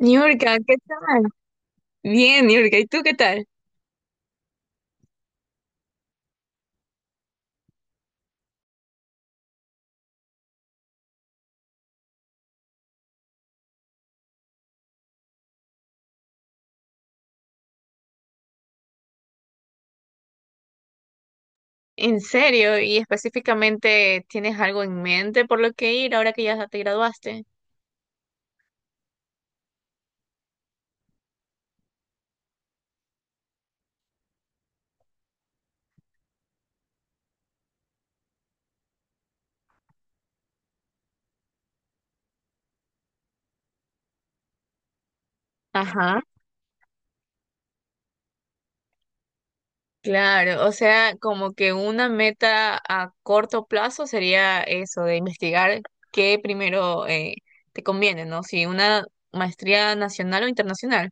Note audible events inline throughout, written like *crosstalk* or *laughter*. Niurka, ¿qué tal? Bien, Niurka, ¿y tú qué tal? En serio, y específicamente, ¿tienes algo en mente por lo que ir ahora que ya te graduaste? Ajá. Claro, o sea, como que una meta a corto plazo sería eso, de investigar qué primero te conviene, ¿no? Si una maestría nacional o internacional.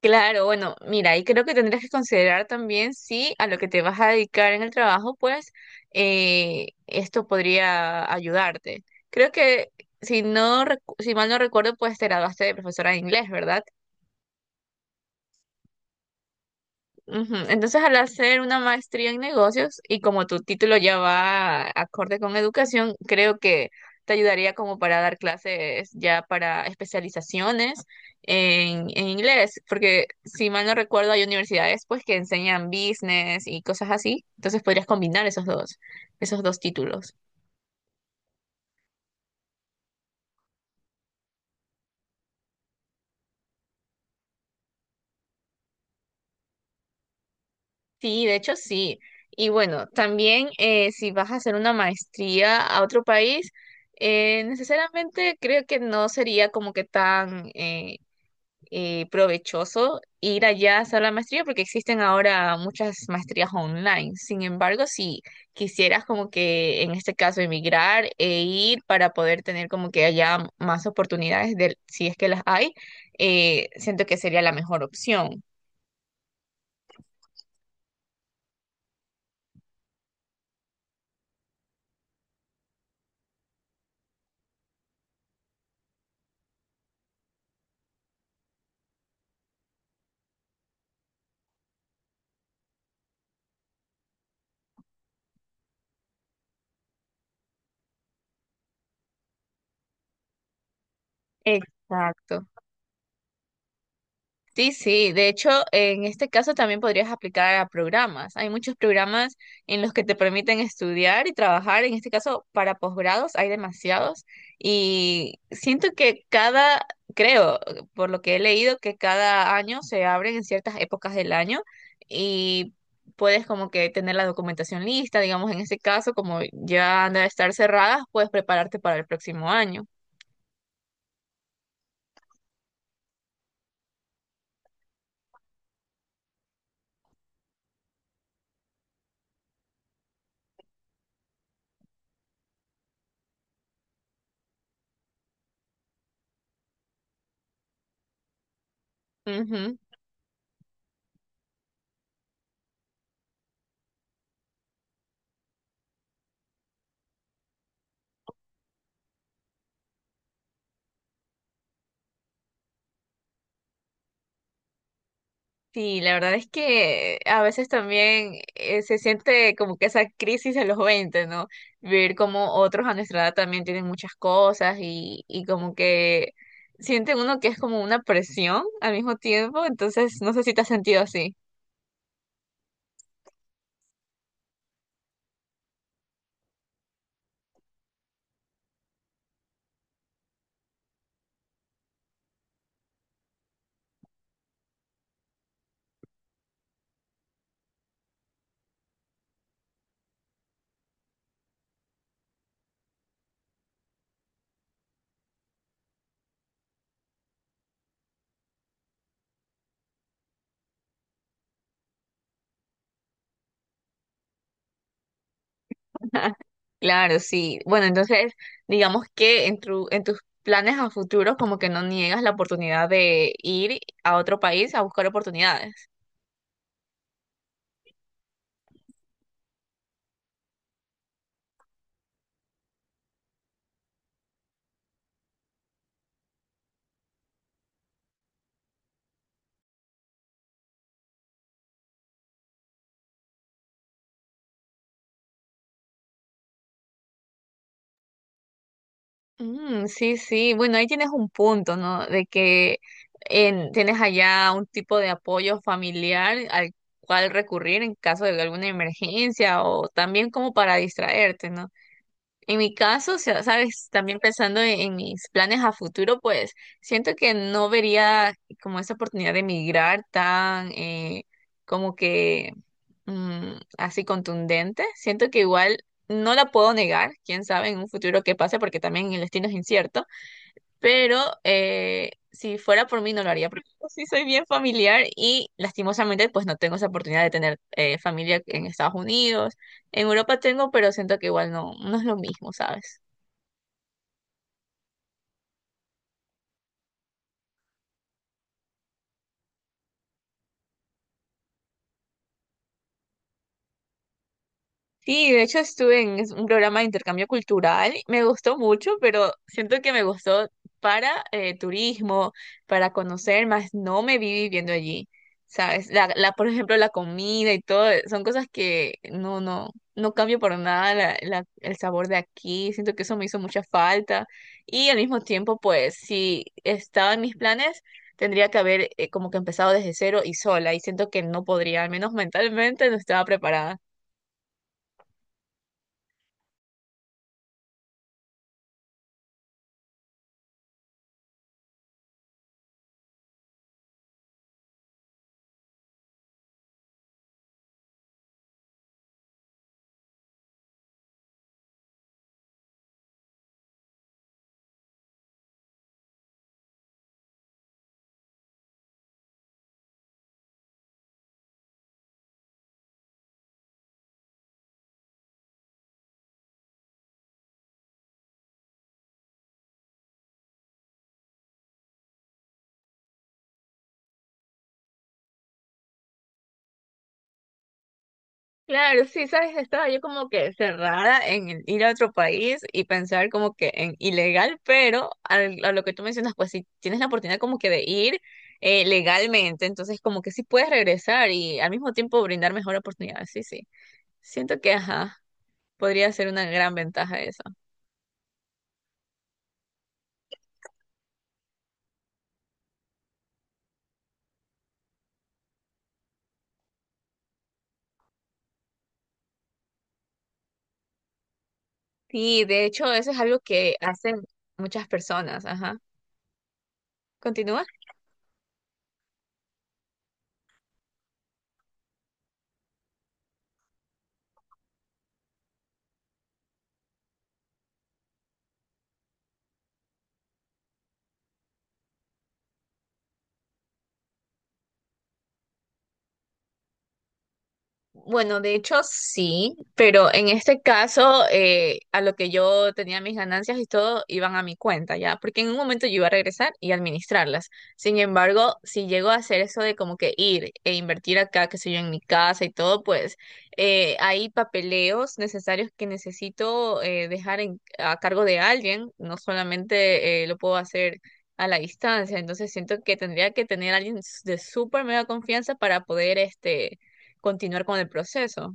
Claro, bueno, mira, y creo que tendrías que considerar también si a lo que te vas a dedicar en el trabajo, pues esto podría ayudarte. Creo que si no, si mal no recuerdo, pues te graduaste de profesora de inglés, ¿verdad? Ujú. Entonces, al hacer una maestría en negocios y como tu título ya va acorde con educación, creo que te ayudaría como para dar clases ya para especializaciones en inglés, porque si mal no recuerdo hay universidades pues que enseñan business y cosas así, entonces podrías combinar esos dos títulos. Sí, de hecho sí. Y bueno, también si vas a hacer una maestría a otro país, necesariamente creo que no sería como que tan provechoso ir allá a hacer la maestría porque existen ahora muchas maestrías online. Sin embargo, si quisieras como que en este caso emigrar e ir para poder tener como que allá más oportunidades de, si es que las hay, siento que sería la mejor opción. Exacto. Sí, sí, de hecho, en este caso también podrías aplicar a programas. Hay muchos programas en los que te permiten estudiar y trabajar. En este caso, para posgrados hay demasiados y siento que cada, creo, por lo que he leído, que cada año se abren en ciertas épocas del año y puedes como que tener la documentación lista, digamos, en este caso, como ya han de estar cerradas, puedes prepararte para el próximo año. Ujú. Sí, la verdad es que a veces también se siente como que esa crisis a los 20, ¿no? Ver como otros a nuestra edad también tienen muchas cosas y como que siente uno que es como una presión al mismo tiempo, entonces no sé si te has sentido así. *laughs* Claro, sí. Bueno, entonces digamos que en en tus planes a futuro como que no niegas la oportunidad de ir a otro país a buscar oportunidades. Mm, sí, sí. Bueno, ahí tienes un punto, ¿no? De que tienes allá un tipo de apoyo familiar al cual recurrir en caso de alguna emergencia o también como para distraerte, ¿no? En mi caso, o sea, sabes, también pensando en mis planes a futuro, pues siento que no vería como esa oportunidad de emigrar tan como que así contundente. Siento que igual no la puedo negar, quién sabe en un futuro qué pase, porque también el destino es incierto pero si fuera por mí no lo haría, porque yo sí soy bien familiar y lastimosamente pues no tengo esa oportunidad de tener familia en Estados Unidos. En Europa tengo, pero siento que igual no, no es lo mismo, ¿sabes? Sí, de hecho estuve en un programa de intercambio cultural, me gustó mucho, pero siento que me gustó para turismo, para conocer, más no me vi viviendo allí, ¿sabes? Por ejemplo, la comida y todo, son cosas que no, no, no cambio por nada el sabor de aquí, siento que eso me hizo mucha falta y al mismo tiempo, pues, si estaba en mis planes, tendría que haber como que empezado desde cero y sola y siento que no podría, al menos mentalmente no estaba preparada. Claro, sí, sabes, estaba yo como que cerrada en el ir a otro país y pensar como que en ilegal, pero a lo que tú mencionas, pues si tienes la oportunidad como que de ir legalmente, entonces como que sí puedes regresar y al mismo tiempo brindar mejor oportunidad, sí, sí. Siento que, ajá, podría ser una gran ventaja eso. Sí, de hecho, eso es algo que hacen muchas personas, ajá. Continúa. Bueno, de hecho sí, pero en este caso a lo que yo tenía mis ganancias y todo iban a mi cuenta, ¿ya? Porque en un momento yo iba a regresar y administrarlas. Sin embargo, si llego a hacer eso de como que ir e invertir acá, que sé yo, en mi casa y todo, pues hay papeleos necesarios que necesito dejar a cargo de alguien, no solamente lo puedo hacer a la distancia, entonces siento que tendría que tener a alguien de súper mega confianza para poder este continuar con el proceso.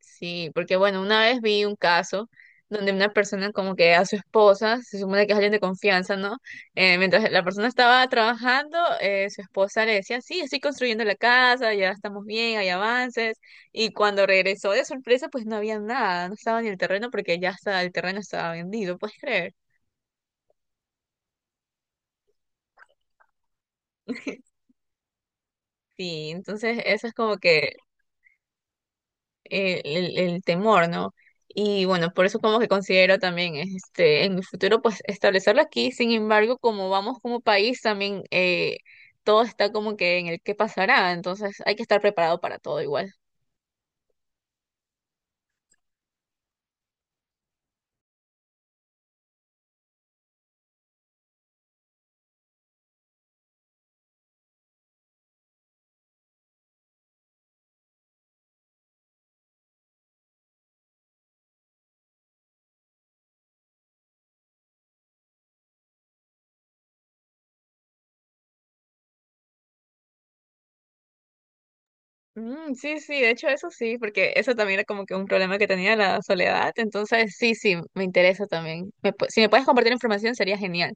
Sí, porque bueno, una vez vi un caso donde una persona como que a su esposa, se supone que es alguien de confianza, ¿no? Mientras la persona estaba trabajando, su esposa le decía, sí, estoy construyendo la casa, ya estamos bien, hay avances. Y cuando regresó de sorpresa, pues no había nada, no estaba ni el terreno porque ya está, el terreno estaba vendido, ¿puedes creer? *laughs* Sí, entonces eso es como que el temor, ¿no? Y bueno, por eso como que considero también este, en mi futuro pues establecerlo aquí, sin embargo, como vamos como país también todo está como que en el qué pasará, entonces hay que estar preparado para todo igual. Mm, sí, sí, de hecho eso sí, porque eso también era como que un problema que tenía la soledad, entonces sí, sí, me interesa también. Si me puedes compartir información sería genial.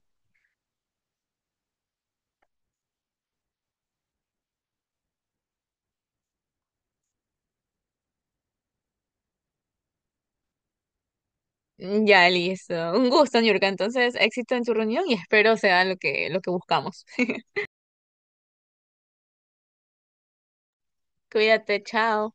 Mm, ya, listo. Un gusto, Niurka. Entonces, éxito en tu reunión y espero sea lo que buscamos. *laughs* Cuídate, chao.